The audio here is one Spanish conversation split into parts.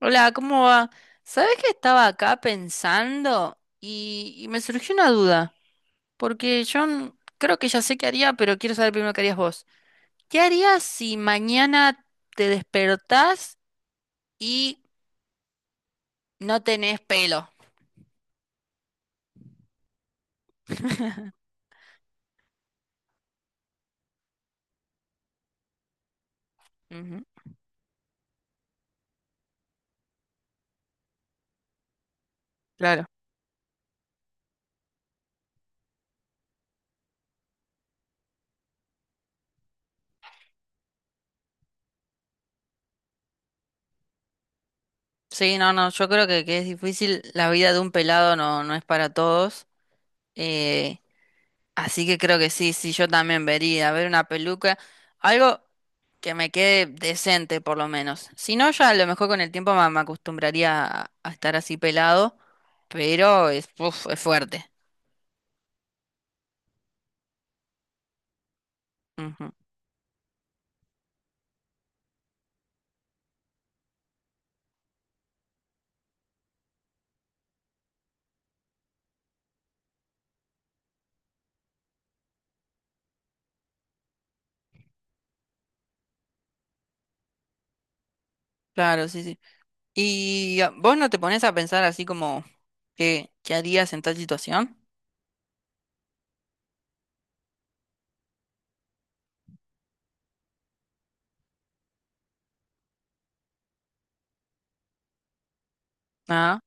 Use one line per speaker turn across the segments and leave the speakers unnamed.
Hola, ¿cómo va? ¿Sabés que estaba acá pensando y me surgió una duda? Porque creo que ya sé qué haría, pero quiero saber primero qué harías vos. ¿Qué harías si mañana te despertás y no tenés pelo? Ujú, claro. Sí, no, no, yo creo que es difícil. La vida de un pelado no, no es para todos. Eh, Así que creo que sí, sí, yo también vería. Ver una peluca. Algo que me quede decente por lo menos. Si no, ya a lo mejor con el tiempo me acostumbraría a estar así pelado, pero es, uf, es fuerte. Ujú. Claro, sí, sí. ¿Y vos no te pones a pensar así como qué harías en tal situación? Ah,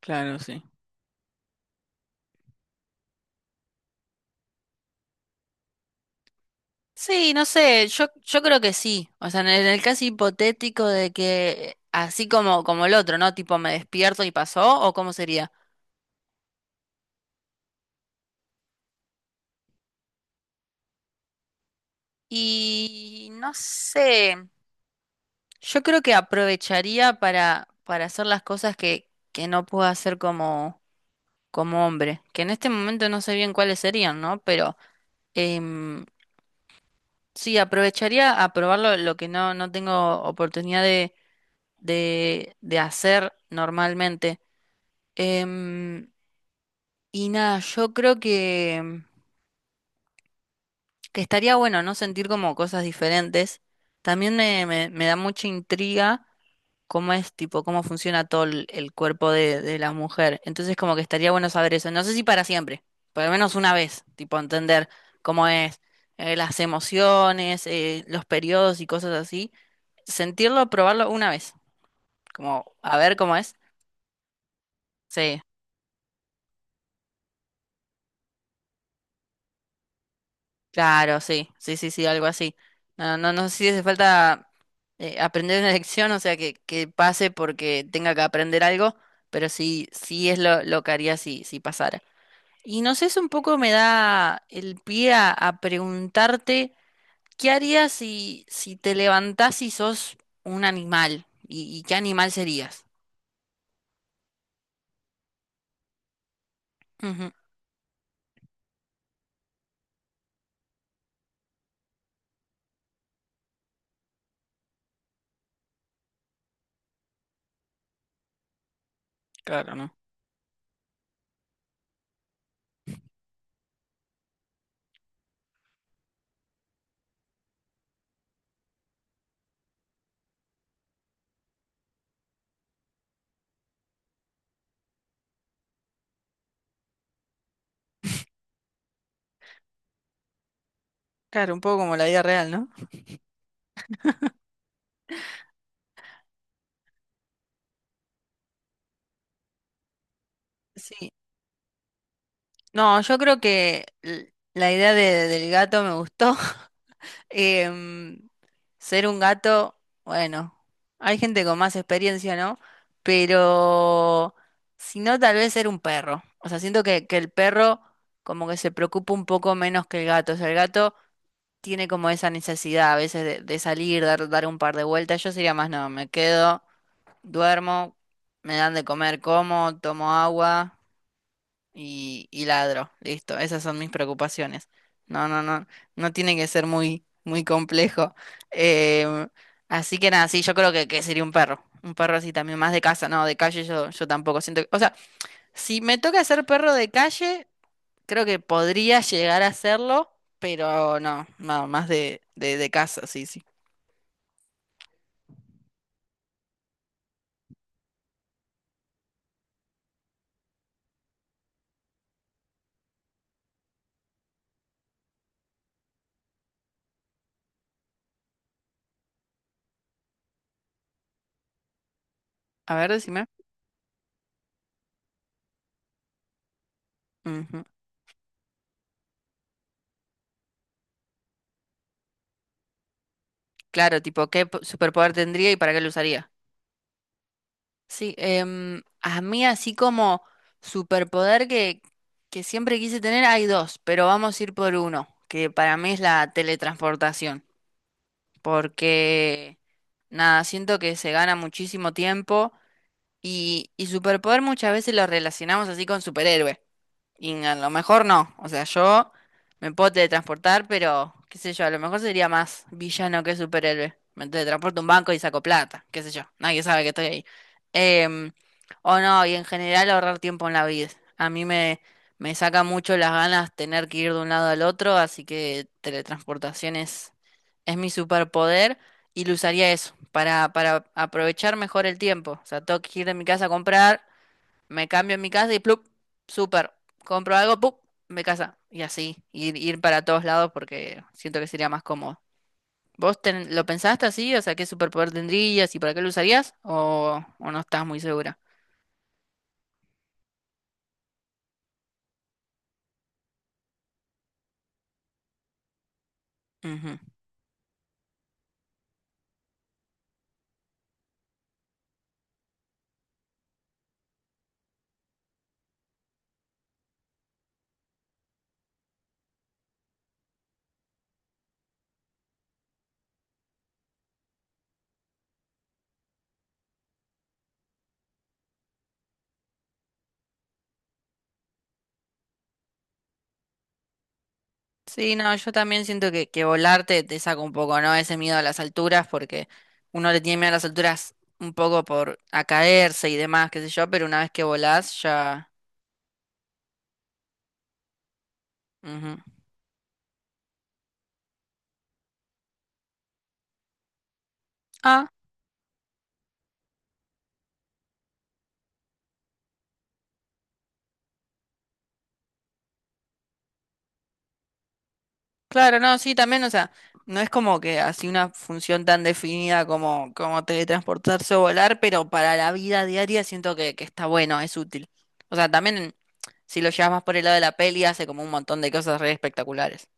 claro, sí. Sí, no sé, yo creo que sí. O sea, en en el caso hipotético de que así como, como el otro, ¿no? Tipo, me despierto y pasó, ¿o cómo sería? Y no sé. Yo creo que aprovecharía para hacer las cosas que no puedo hacer como, como hombre, que en este momento no sé bien cuáles serían, ¿no? Pero em, sí, aprovecharía a probar lo que no, no tengo oportunidad de, de hacer normalmente. Em, y nada, yo creo que estaría bueno, ¿no? Sentir como cosas diferentes. También me da mucha intriga cómo es, tipo, cómo funciona todo el cuerpo de la mujer. Entonces, como que estaría bueno saber eso. No sé si para siempre, por lo menos una vez, tipo, entender cómo es, las emociones, los periodos y cosas así. Sentirlo, probarlo una vez, como a ver cómo es. Sí. Claro, sí, sí, sí, sí, algo así. No, no, no sé si hace falta aprender una lección, o sea, que pase porque tenga que aprender algo, pero sí, sí es lo que haría si, si pasara. Y no sé, eso un poco me da el pie a preguntarte, ¿qué harías si, si te levantás y sos un animal? Y qué animal serías? Ujú. Claro, ¿no? Claro, un poco como la vida real, ¿no? Sí. No, yo creo que la idea del gato me gustó. Em, Ser un gato, bueno, hay gente con más experiencia, ¿no? Pero si no, tal vez ser un perro. O sea, siento que el perro como que se preocupa un poco menos que el gato. O sea, el gato tiene como esa necesidad a veces de salir, dar, dar un par de vueltas. Yo sería más, no, me quedo, duermo, me dan de comer, como, tomo agua y ladro. Listo, esas son mis preocupaciones. No, no, no, no tiene que ser muy, muy complejo. Em, Así que nada, sí, yo creo que sería un perro. Un perro así también, más de casa, no, de calle yo, yo tampoco siento que- O sea, si me toca ser perro de calle, creo que podría llegar a serlo, pero no, no, más de casa, sí, sí. A ver, decime. Ujú. Claro, tipo, ¿qué superpoder tendría y para qué lo usaría? Sí, a mí así como superpoder que siempre quise tener, hay dos, pero vamos a ir por uno, que para mí es la teletransportación, porque nada, siento que se gana muchísimo tiempo y superpoder muchas veces lo relacionamos así con superhéroe. Y a lo mejor no. O sea, yo me puedo teletransportar, pero qué sé yo, a lo mejor sería más villano que superhéroe. Me teletransporto a un banco y saco plata, qué sé yo. Nadie sabe que estoy ahí. Em, o no, y en general ahorrar tiempo en la vida. A mí me saca mucho las ganas tener que ir de un lado al otro, así que teletransportación es mi superpoder y lo usaría eso, para aprovechar mejor el tiempo. O sea, tengo que ir de mi casa a comprar me cambio en mi casa y plup, súper, compro algo, plup, me casa. Y así, ir, ir para todos lados porque siento que sería más cómodo. ¿Vos lo pensaste así? O sea, ¿qué superpoder tendrías y para qué lo usarías? O no estás muy segura? Ujú. Sí, no, yo también siento que volar te saca un poco, ¿no? Ese miedo a las alturas, porque uno le tiene miedo a las alturas un poco por a caerse y demás, qué sé yo, pero una vez que volás ya... Ujú. Claro, no, sí, también, o sea, no es como que así una función tan definida como, como teletransportarse o volar, pero para la vida diaria siento que está bueno, es útil. O sea, también si lo llevas más por el lado de la peli, hace como un montón de cosas re espectaculares.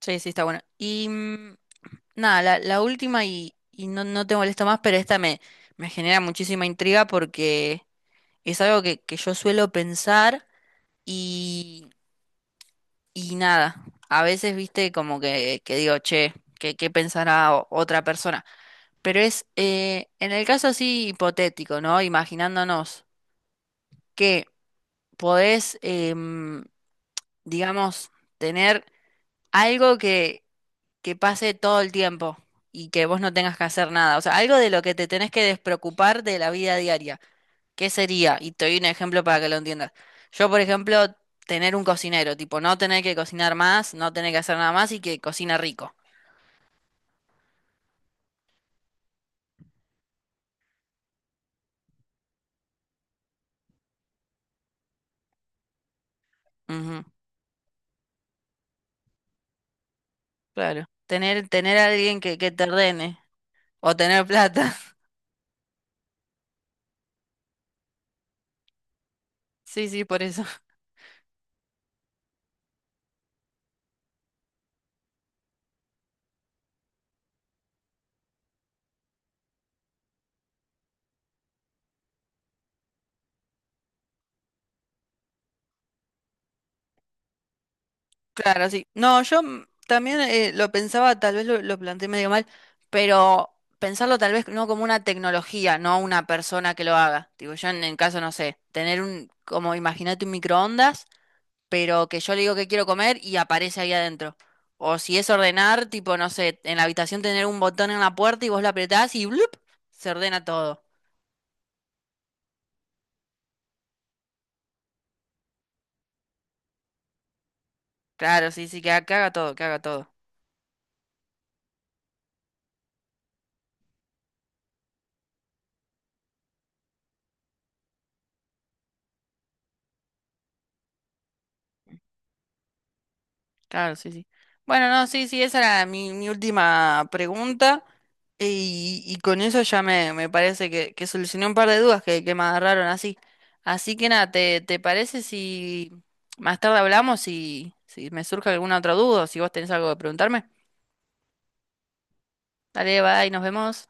Sí, sí, está bueno. Y mm, nada, la última, y no, no te molesto más, pero esta me, me genera muchísima intriga porque es algo que yo suelo pensar. Y y nada, a veces viste como que digo, che, ¿qué, qué pensará otra persona? Pero es, en el caso así hipotético, ¿no? Imaginándonos que podés, digamos, tener algo que pase todo el tiempo y que vos no tengas que hacer nada. O sea, algo de lo que te tenés que despreocupar de la vida diaria. ¿Qué sería? Y te doy un ejemplo para que lo entiendas. Yo, por ejemplo, tener un cocinero, tipo, no tener que cocinar más, no tener que hacer nada más y que cocina rico. Ujú, claro. Tener, tener a alguien que te ordene o tener plata. Sí, sí, por eso. Claro, sí. No, yo mm, también lo pensaba, tal vez lo planteé medio mal, pero pensarlo tal vez no como una tecnología, no una persona que lo haga. Digo, yo en el caso, no sé, tener un, como imagínate un microondas, pero que yo le digo que quiero comer y aparece ahí adentro. O si es ordenar, tipo, no sé, en la habitación tener un botón en la puerta y vos lo apretás y ¡blup! Se ordena todo. Claro, sí, sí, que, que haga todo, que haga todo. Claro, sí, sí. Bueno, no, sí, sí, esa era mi, mi última pregunta. Y con eso ya me parece que solucioné un par de dudas que me agarraron así. Así que nada, ¿te, te parece si más tarde hablamos y si me surge alguna otra duda o si vos tenés algo que preguntarme? Dale, bye, nos vemos.